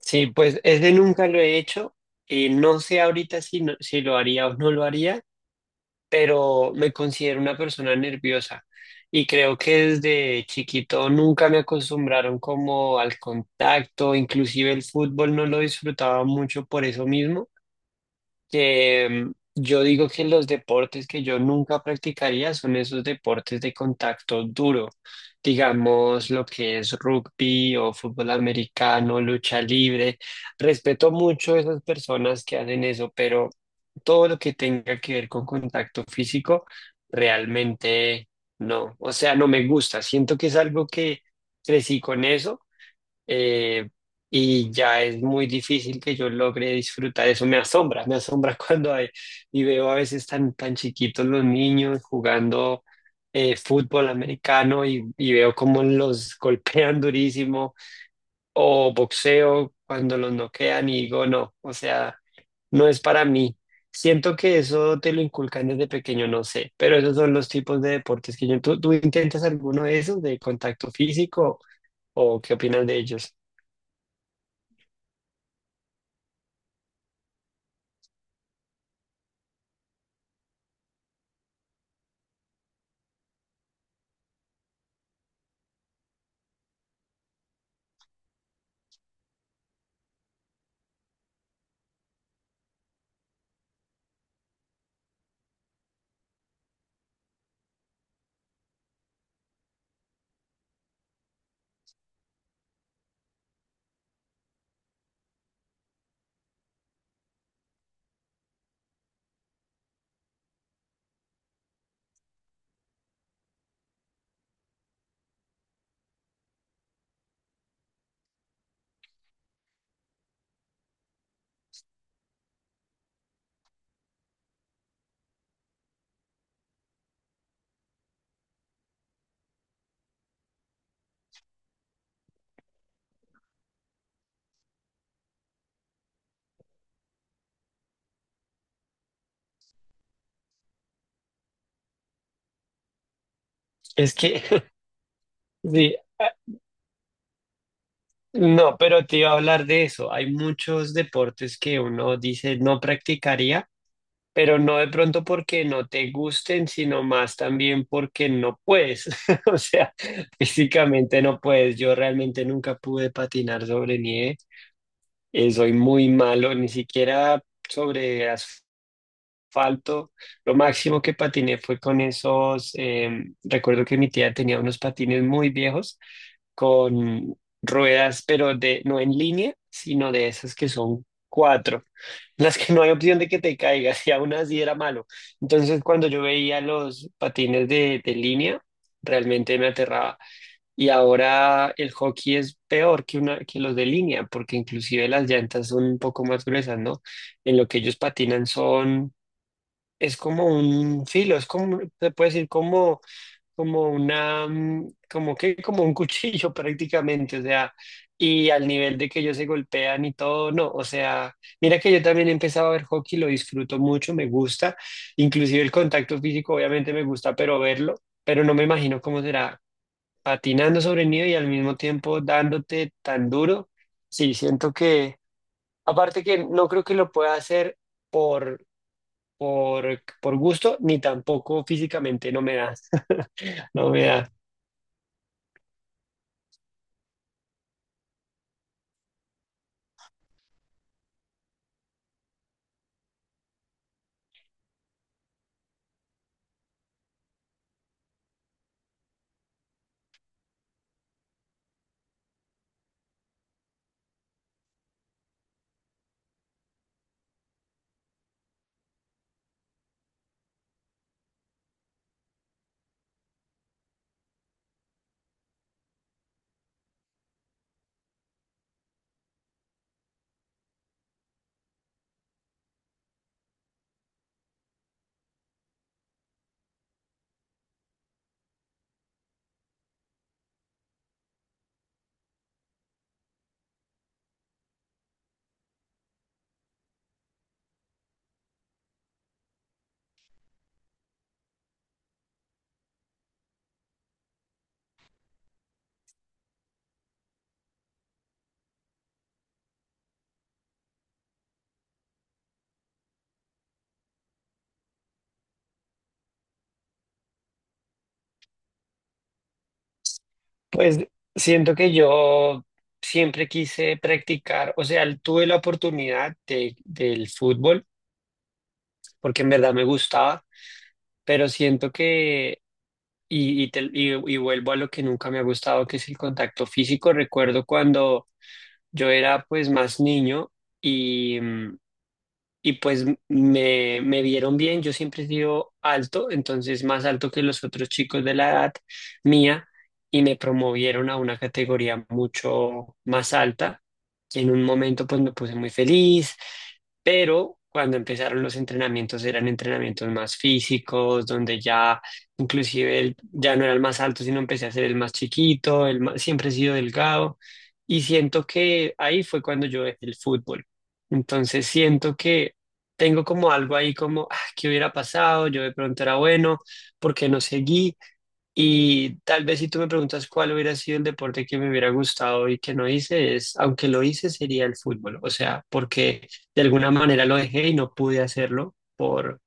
Sí, pues ese nunca lo he hecho. Y no sé ahorita si lo haría o no lo haría, pero me considero una persona nerviosa y creo que desde chiquito nunca me acostumbraron como al contacto, inclusive el fútbol no lo disfrutaba mucho por eso mismo que mm, yo digo que los deportes que yo nunca practicaría son esos deportes de contacto duro, digamos lo que es rugby o fútbol americano, lucha libre. Respeto mucho a esas personas que hacen eso, pero todo lo que tenga que ver con contacto físico, realmente no. O sea, no me gusta. Siento que es algo que crecí con eso eh, y ya es muy difícil que yo logre disfrutar eso. Me asombra y veo a veces tan, tan chiquitos los niños jugando fútbol americano y veo cómo los golpean durísimo o boxeo cuando los noquean y digo, no, o sea, no es para mí. Siento que eso te lo inculcan desde pequeño, no sé, pero esos son los tipos de deportes que yo... ¿Tú intentas alguno de esos de contacto físico o qué opinas de ellos? Es que Sí, no, pero te iba a hablar de eso. Hay muchos deportes que uno dice no practicaría, pero no de pronto porque no te gusten, sino más también porque no puedes. O sea, físicamente no puedes. Yo realmente nunca pude patinar sobre nieve. Soy muy malo, ni siquiera sobre asfalto. Lo máximo que patiné fue con recuerdo que mi tía tenía unos patines muy viejos con ruedas, pero no en línea, sino de esas que son cuatro, en las que no hay opción de que te caigas, y aún así era malo. Entonces, cuando yo veía los patines de línea, realmente me aterraba. Y ahora el hockey es peor que, una, que los de línea, porque inclusive las llantas son un poco más gruesas, ¿no? En lo que ellos patinan son, es como un filo, es como, se puede decir como como una, mm, como que, como un cuchillo prácticamente, o sea, y al nivel de que ellos se golpean y todo, no, o sea, mira que yo también he empezado a ver hockey, lo disfruto mucho, me gusta, inclusive el contacto físico obviamente me gusta, pero verlo, pero no me imagino cómo será patinando sobre el nido y al mismo tiempo dándote tan duro, sí, siento que, aparte que no creo que lo pueda hacer por... por gusto, ni tampoco físicamente, no me da, no me da. Pues siento que yo siempre quise practicar, o sea, tuve la oportunidad del fútbol, porque en verdad me gustaba, pero siento que, y vuelvo a lo que nunca me ha gustado, que es el contacto físico. Recuerdo cuando yo era pues más niño y pues me vieron bien, yo siempre he sido alto, entonces más alto que los otros chicos de la edad mía, y me promovieron a una categoría mucho más alta. Y en un momento pues me puse muy feliz, pero cuando empezaron los entrenamientos eran entrenamientos más físicos, donde ya inclusive el- ya no era el más alto, sino empecé a ser el más chiquito, el más- siempre he sido delgado, y siento que ahí fue cuando yo dejé el fútbol. Entonces siento que tengo como algo ahí como, ah, ¿qué hubiera pasado? Yo de pronto era bueno, porque no seguí? Y tal vez si tú me preguntas cuál hubiera sido el deporte que me hubiera gustado y que no hice, es, aunque lo hice, sería el fútbol. O sea, porque de alguna manera lo dejé y no pude hacerlo por,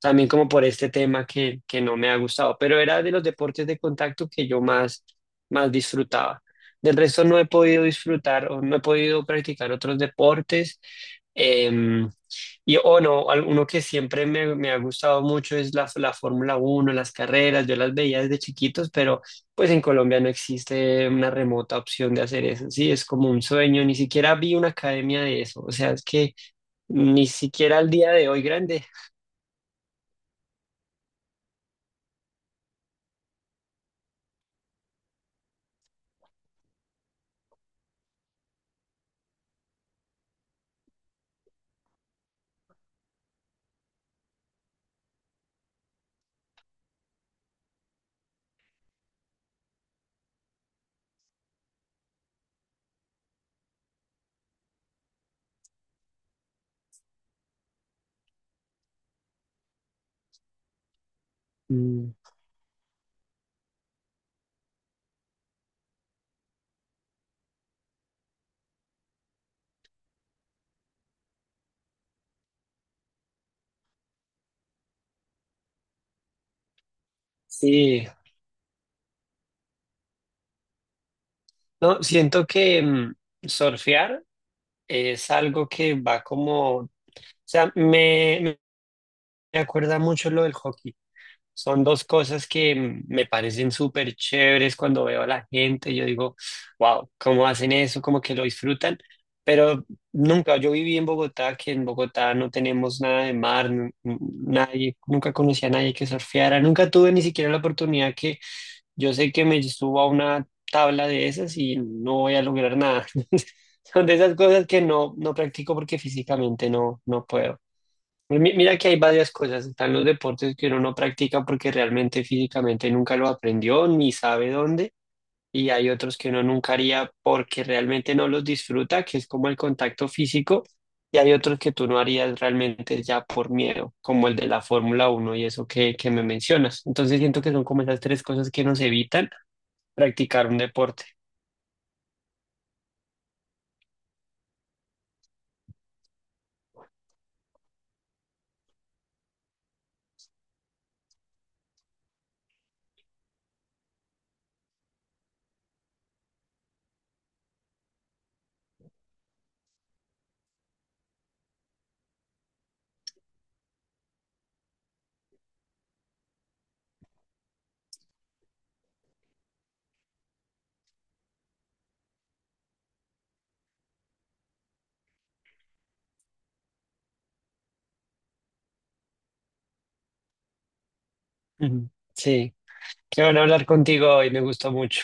también como por este tema que no me ha gustado, pero era de los deportes de contacto que yo más, más disfrutaba. Del resto no he podido disfrutar o no he podido practicar otros deportes. em, y o no, al- uno que siempre me ha gustado mucho es la Fórmula 1 las carreras, yo las veía desde chiquitos, pero pues en Colombia no existe una remota opción de hacer eso, sí, es como un sueño, ni siquiera vi una academia de eso, o sea, es que ni siquiera al día de hoy grande. Mm. Sí, no, siento que. Surfear es algo que va como, o sea, me acuerda mucho lo del hockey. Son dos cosas que me parecen súper chéveres cuando veo a la gente. Yo digo, wow, ¿cómo hacen eso? Como que lo disfrutan. Pero nunca, yo viví en Bogotá, que en Bogotá no tenemos nada de mar, nadie, nunca conocí a nadie que surfeara, nunca tuve ni siquiera la oportunidad que yo sé que me subo a una tabla de esas y no voy a lograr nada. Son de esas cosas que no, no practico porque físicamente no, no puedo. Mira que hay varias cosas. Están los deportes que uno no practica porque realmente físicamente nunca lo aprendió ni sabe dónde. Y hay otros que uno nunca haría porque realmente no los disfruta, que es como el contacto físico. Y hay otros que tú no harías realmente ya por miedo, como el de la Fórmula 1 y eso que me mencionas. Entonces siento que son como esas tres cosas que nos evitan practicar un deporte. Ujú. Sí, qué bueno hablar contigo hoy, me gustó mucho.